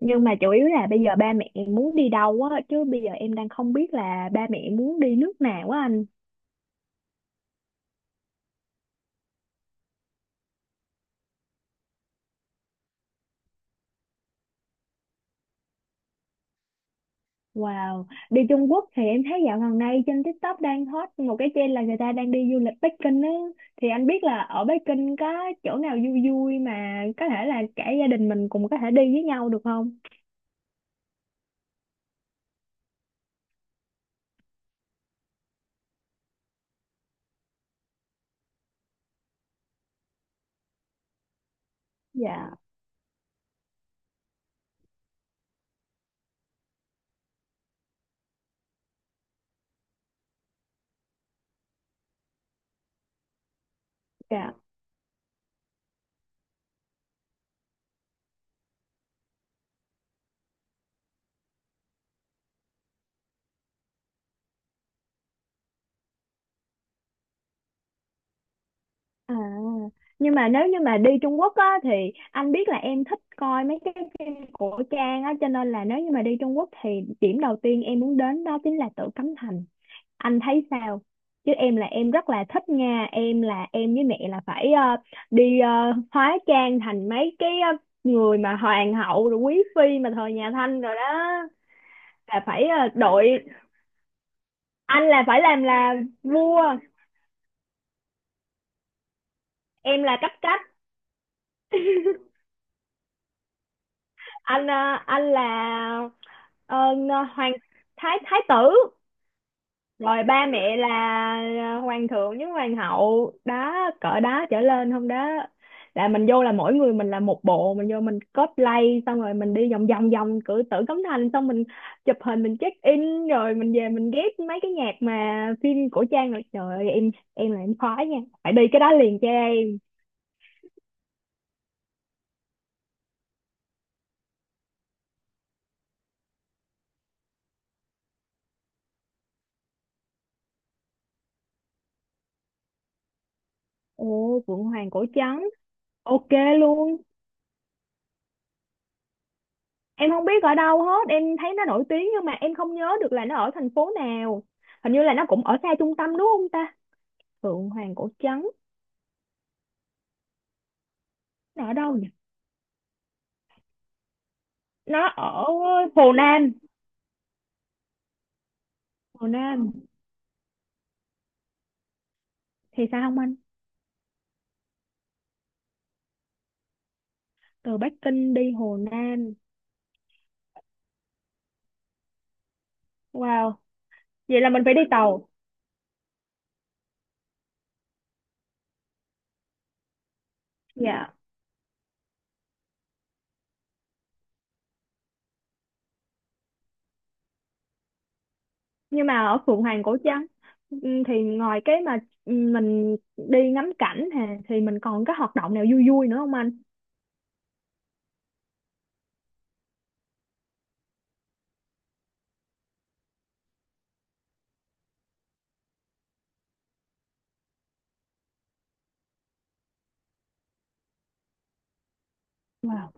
Nhưng mà chủ yếu là bây giờ ba mẹ muốn đi đâu á, chứ bây giờ em đang không biết là ba mẹ muốn đi nước nào á anh. Wow, đi Trung Quốc thì em thấy dạo gần đây trên TikTok đang hot một cái trend là người ta đang đi du lịch Bắc Kinh á. Thì anh biết là ở Bắc Kinh có chỗ nào vui vui mà có thể là cả gia đình mình cùng có thể đi với nhau được không? Dạ, dạ. À, nhưng mà nếu như mà đi Trung Quốc á, thì anh biết là em thích coi mấy cái phim cổ trang á, cho nên là nếu như mà đi Trung Quốc thì điểm đầu tiên em muốn đến đó chính là Tử Cấm Thành. Anh thấy sao? Chứ em là em rất là thích nha, em là em với mẹ là phải đi hóa trang thành mấy cái người mà hoàng hậu rồi quý phi mà thời nhà Thanh rồi đó là phải đội, anh là phải làm là vua, em là cấp cách, anh ờ, anh là hoàng thái thái tử, rồi ba mẹ là à, hoàng thượng với hoàng hậu đó, cỡ đó trở lên không đó, là mình vô là mỗi người mình là một bộ, mình vô mình cosplay xong rồi mình đi vòng vòng vòng cửa tử cấm thành xong mình chụp hình mình check in rồi mình về mình ghép mấy cái nhạc mà phim cổ trang rồi trời ơi, em là em khoái nha, phải đi cái đó liền cho em. Ồ, phượng hoàng cổ trắng. Ok luôn. Em không biết ở đâu hết, em thấy nó nổi tiếng nhưng mà em không nhớ được là nó ở thành phố nào, hình như là nó cũng ở xa trung tâm đúng không ta? Phượng Hoàng Cổ Trấn nó ở đâu nhỉ? Nó ở Hồ Nam. Hồ Nam thì sao không anh? Từ Bắc Kinh đi Hồ Nam. Wow, vậy là mình phải đi tàu. Dạ. Nhưng mà ở Phượng Hoàng Cổ Trấn, thì ngoài cái mà, mình đi ngắm cảnh hà thì mình còn cái hoạt động nào vui vui nữa không anh? Wow.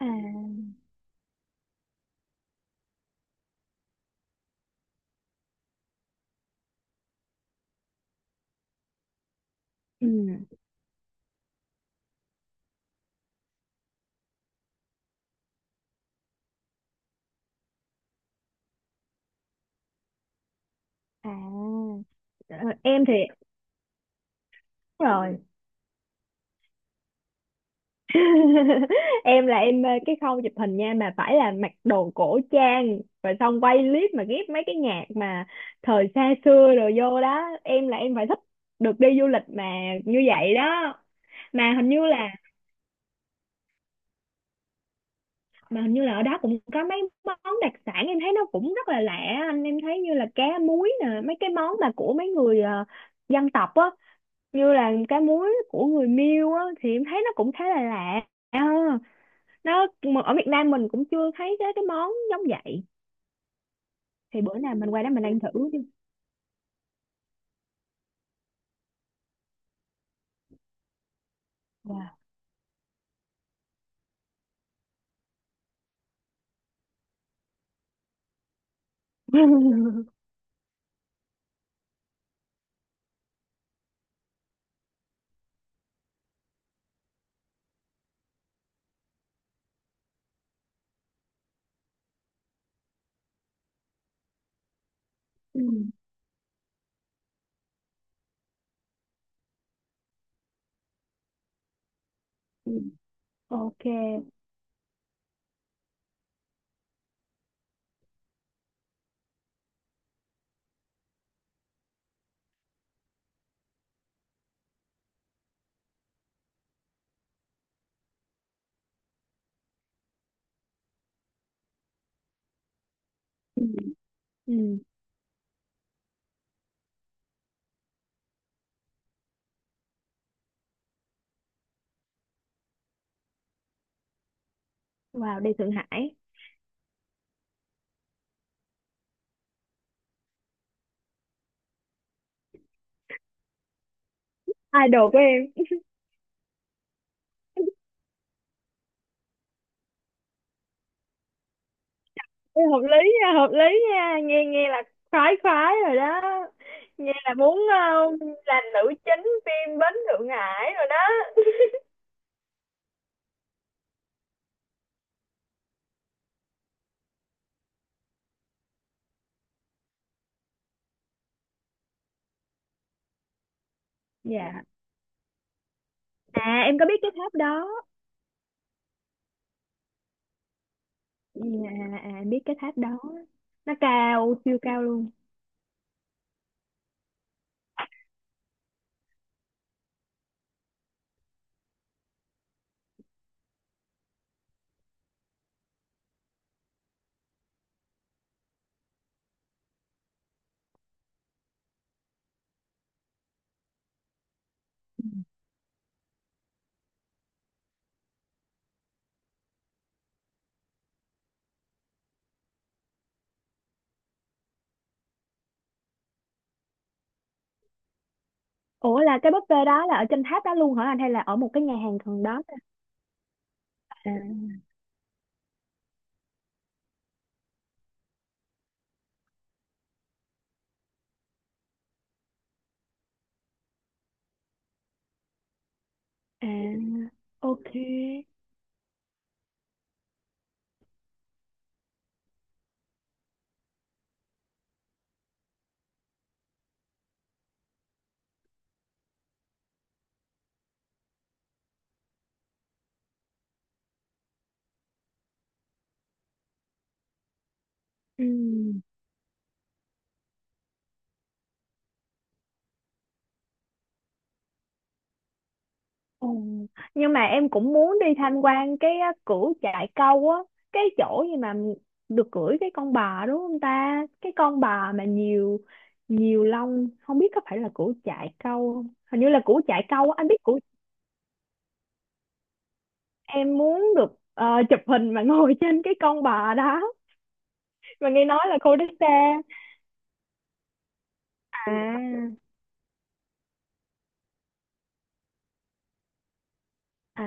À. ừm, À. Ờ, em thì đúng rồi. em là em mê cái khâu chụp hình nha, mà phải là mặc đồ cổ trang rồi xong quay clip mà ghép mấy cái nhạc mà thời xa xưa, rồi vô đó em là em phải thích, được đi du lịch mà như vậy đó. Mà hình như là mà hình như là ở đó cũng có mấy món đặc sản em thấy nó cũng rất là lạ anh, em thấy như là cá muối nè, mấy cái món mà của mấy người dân tộc á, như là cá muối của người Miêu á thì em thấy nó cũng khá là lạ. Ờ. Nó mà ở Việt Nam mình cũng chưa thấy cái món giống vậy, thì bữa nào mình qua đó mình ăn thử chứ. Wow. Ừ. Ừ. Ok. Ừ. Ừ. Wow, đi Thượng Hải. Idol của em. Ê, hợp lý nha, hợp lý nha, nghe nghe là khoái khoái rồi đó, nghe là muốn làm nữ chính phim Bến Thượng Hải rồi đó. Dạ. À, em có biết cái tháp đó. Dạ. À, em biết cái tháp đó, nó cao siêu cao luôn. Ủa, là cái buffet đó là ở trên tháp đó luôn hả anh, hay là ở một cái nhà hàng gần đó? À. À, ok. Ừ. Ừ. Nhưng mà em cũng muốn đi tham quan cái á, cửu chạy câu á, cái chỗ gì mà được cưỡi cái con bò đúng không ta? Cái con bò mà nhiều nhiều lông, không biết có phải là cửu chạy câu không? Hình như là cửu chạy câu á, anh biết cửu. Em muốn được chụp hình mà ngồi trên cái con bò đó. Mà nghe nói là cô đếch xa. À. À.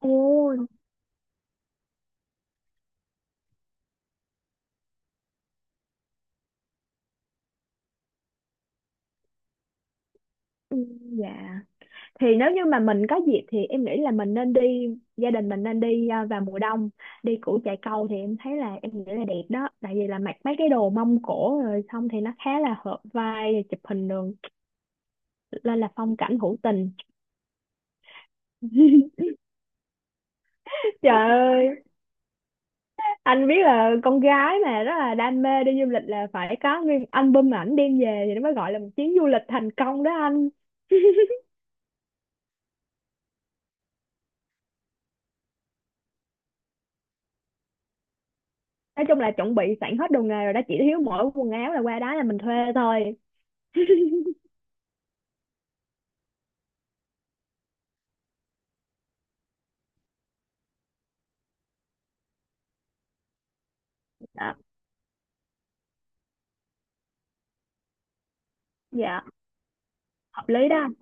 Ồ. Ừ. Dạ. Thì nếu như mà mình có dịp thì em nghĩ là mình nên đi, gia đình mình nên đi à, vào mùa đông đi củ Chài Câu thì em thấy là em nghĩ là đẹp đó, tại vì là mặc mấy cái đồ mông cổ rồi xong thì nó khá là hợp vai chụp hình đường lên là phong cảnh hữu tình. Trời ơi, anh biết là con gái mà rất là đam mê đi du lịch là phải có nguyên album ảnh đem về thì nó mới gọi là một chuyến du lịch thành công đó anh. Nói chung là chuẩn bị sẵn hết đồ nghề rồi đó, chỉ thiếu mỗi quần áo là qua đó là mình thuê thôi. Đó. Dạ, hợp lý đó anh.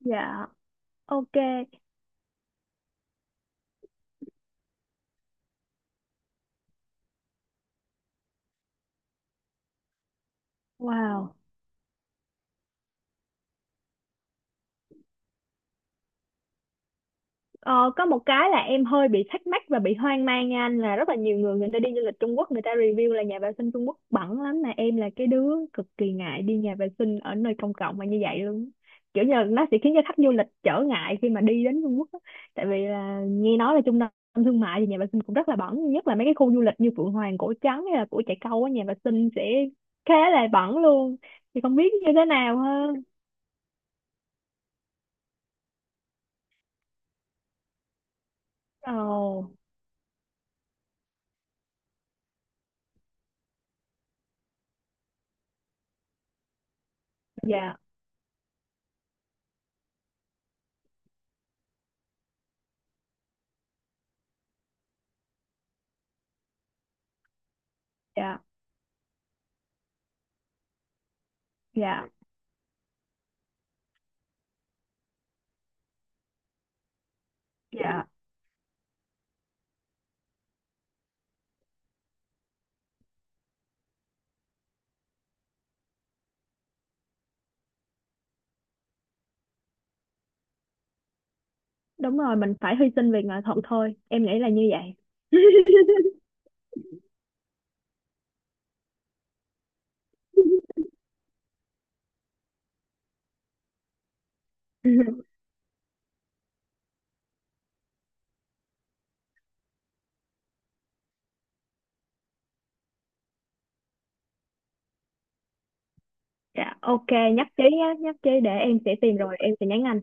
Dạ, ok. Wow. Ờ, có một cái là em hơi bị thắc mắc và bị hoang mang nha anh, là rất là nhiều người người ta đi du lịch Trung Quốc, người ta review là nhà vệ sinh Trung Quốc bẩn lắm, mà em là cái đứa cực kỳ ngại đi nhà vệ sinh ở nơi công cộng mà như vậy luôn, kiểu như là nó sẽ khiến cho khách du lịch trở ngại khi mà đi đến Trung Quốc á. Tại vì là nghe nói là trung tâm thương mại thì nhà vệ sinh cũng rất là bẩn, nhất là mấy cái khu du lịch như Phượng Hoàng Cổ Trắng hay là Cổ Chạy Câu á, nhà vệ sinh sẽ khá là bẩn luôn, thì không biết như thế nào hơn. Ồ. Dạ. Dạ. Dạ. Dạ. Đúng rồi, mình phải hy sinh vì nghệ thuật thôi em nghĩ là như vậy. Dạ, ok. Nhất trí nhé, nhất trí, để em sẽ tìm rồi em sẽ nhắn anh.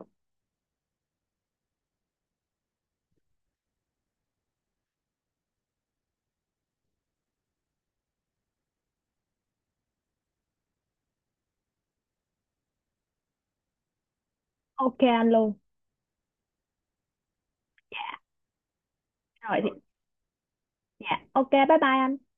Ok anh luôn. Rồi thì. Dạ, ok, bye bye anh.